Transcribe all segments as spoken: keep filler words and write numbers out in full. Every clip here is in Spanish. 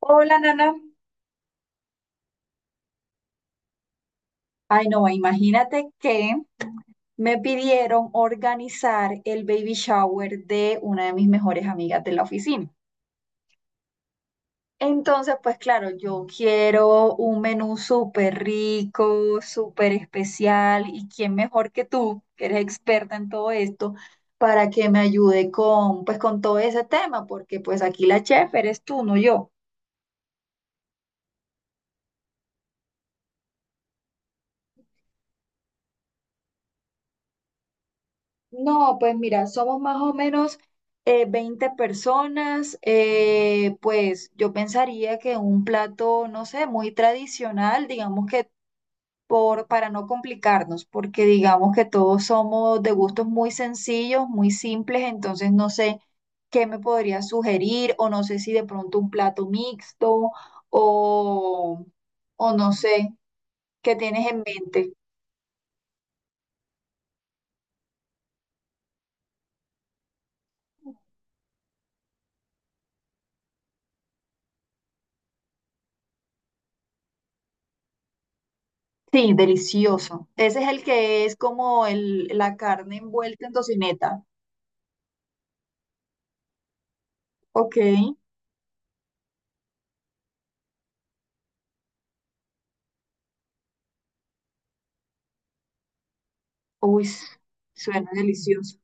Hola, Nana. Ay, no, imagínate que me pidieron organizar el baby shower de una de mis mejores amigas de la oficina. Entonces, pues claro, yo quiero un menú súper rico, súper especial, y quién mejor que tú, que eres experta en todo esto, para que me ayude con, pues, con todo ese tema, porque pues aquí la chef eres tú, no yo. No, pues mira, somos más o menos eh, veinte personas. Eh, pues yo pensaría que un plato, no sé, muy tradicional, digamos que por, para no complicarnos, porque digamos que todos somos de gustos muy sencillos, muy simples, entonces no sé qué me podría sugerir o no sé si de pronto un plato mixto o, o no sé, ¿qué tienes en mente? Sí, delicioso. Ese es el que es como el, la carne envuelta en tocineta. Ok. Uy, s- Suena delicioso.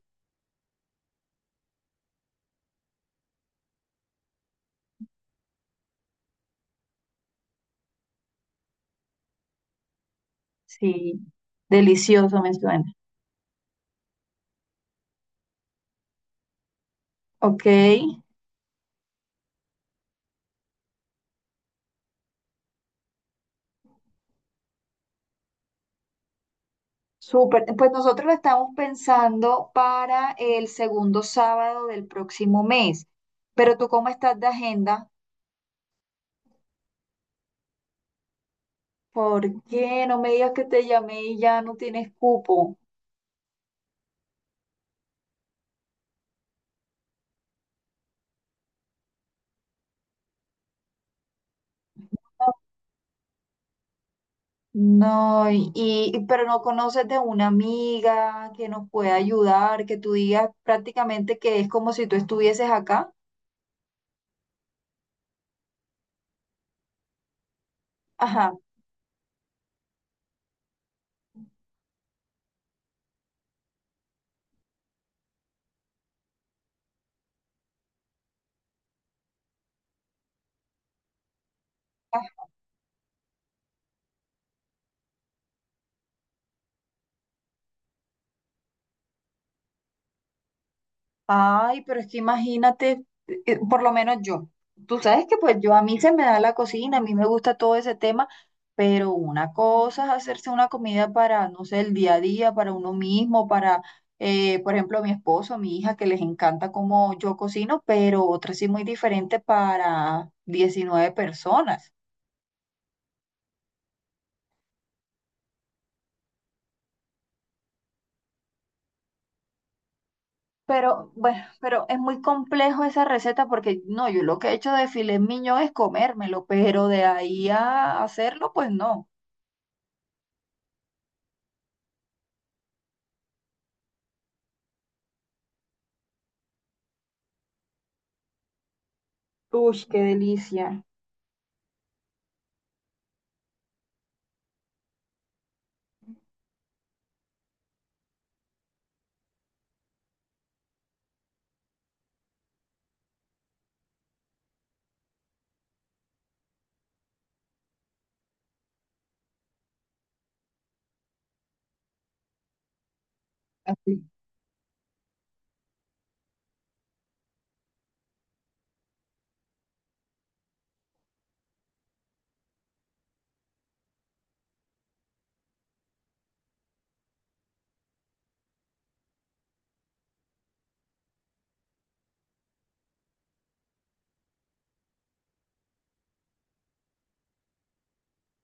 Sí, delicioso me suena. Ok. Súper. Pues nosotros lo estamos pensando para el segundo sábado del próximo mes. Pero tú, ¿cómo estás de agenda? ¿Por qué no me digas que te llamé y ya no tienes cupo? No, y, y- pero no conoces de una amiga que nos pueda ayudar, que tú digas prácticamente que es como si tú estuvieses acá. Ajá. Ay, pero es que imagínate, eh, por lo menos yo. Tú sabes que pues yo a mí se me da la cocina, a mí me gusta todo ese tema, pero una cosa es hacerse una comida para, no sé, el día a día, para uno mismo, para, eh, por ejemplo, mi esposo, mi hija, que les encanta cómo yo cocino, pero otra sí muy diferente para diecinueve personas. Pero bueno, pero es muy complejo esa receta porque no, yo lo que he hecho de filet mignon es comérmelo, pero de ahí a hacerlo, pues no. Uy, qué delicia. Así.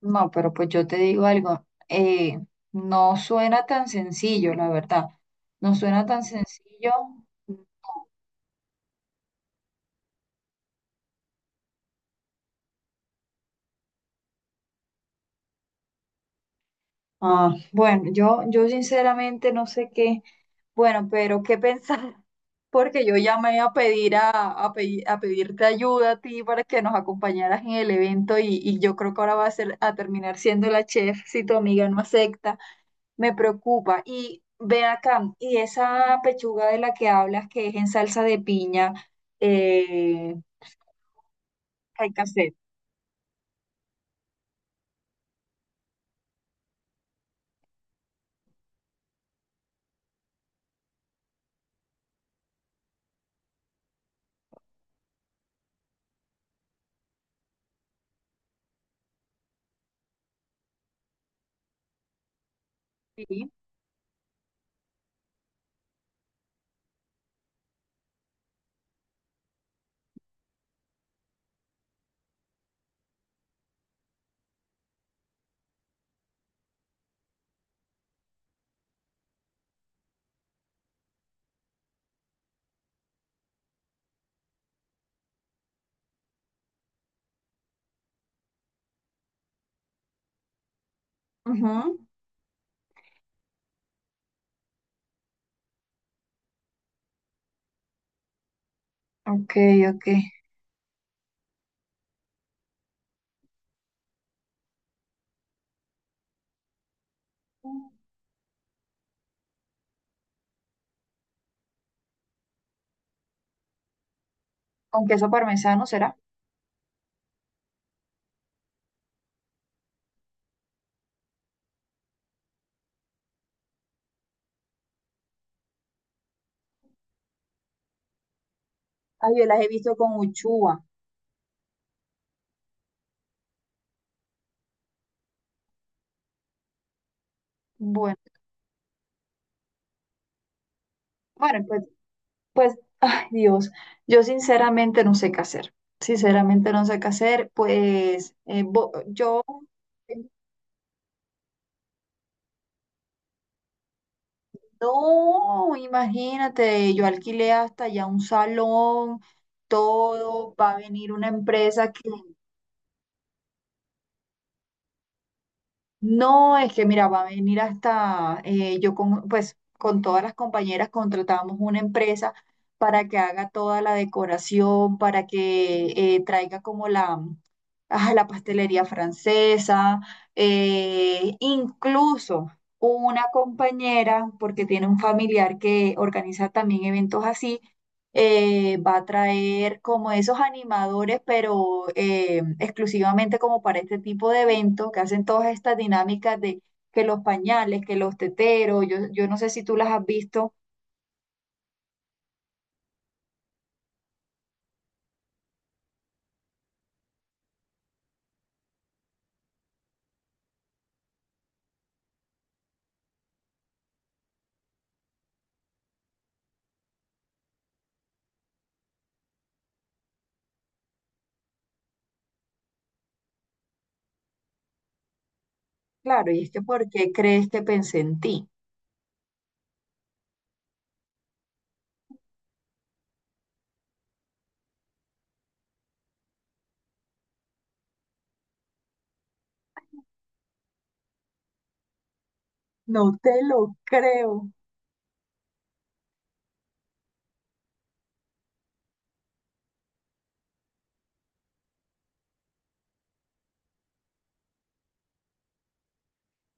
No, pero pues yo te digo algo, eh, no suena tan sencillo, la verdad. No suena tan sencillo. Ah, bueno, yo, yo sinceramente no sé qué, bueno, pero qué pensar, porque yo llamé a pedir a, a, pedi- a pedirte ayuda a ti para que nos acompañaras en el evento y, y yo creo que ahora va a ser a terminar siendo la chef si tu amiga no acepta. Me preocupa. Y ven acá, y esa pechuga de la que hablas, que es en salsa de piña, eh, hay que hacer. Sí. Ujú. Ok, ok. Con queso parmesano, ¿será? Ay, yo las he visto con uchúa. Bueno, bueno, pues, pues, ay, Dios, yo sinceramente no sé qué hacer. Sinceramente no sé qué hacer. Pues eh, bo- yo. No, imagínate, yo alquilé hasta ya un salón, todo, va a venir una empresa que no, es que mira, va a venir hasta, eh, yo con, pues con todas las compañeras contratamos una empresa para que haga toda la decoración, para que eh, traiga como la, ah, la pastelería francesa, eh, incluso una compañera, porque tiene un familiar que organiza también eventos así. Eh, va a traer como esos animadores, pero eh, exclusivamente como para este tipo de evento, que hacen todas estas dinámicas de que los pañales, que los teteros, yo, yo no sé si tú las has visto. Claro, y es que ¿por qué crees que pensé en ti? No te lo creo.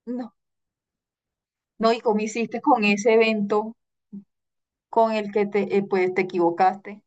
No, no, ¿y cómo hiciste con ese evento con el que te, eh, pues, te equivocaste?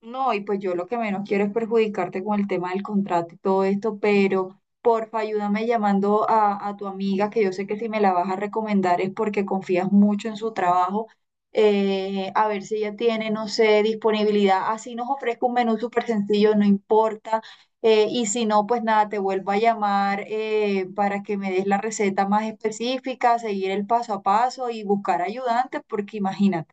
No, y pues yo lo que menos quiero es perjudicarte con el tema del contrato y todo esto, pero porfa, ayúdame llamando a, a tu amiga, que yo sé que si me la vas a recomendar es porque confías mucho en su trabajo, eh, a ver si ella tiene, no sé, disponibilidad. Así nos ofrezca un menú súper sencillo, no importa. Eh, y si no, pues nada, te vuelvo a llamar eh, para que me des la receta más específica, seguir el paso a paso y buscar ayudantes, porque imagínate,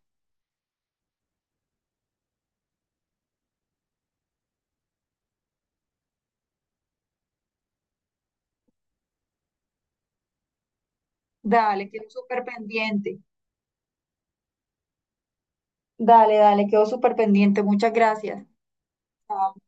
dale, quedo súper pendiente. Dale, dale, quedo súper pendiente. Muchas gracias. Chao.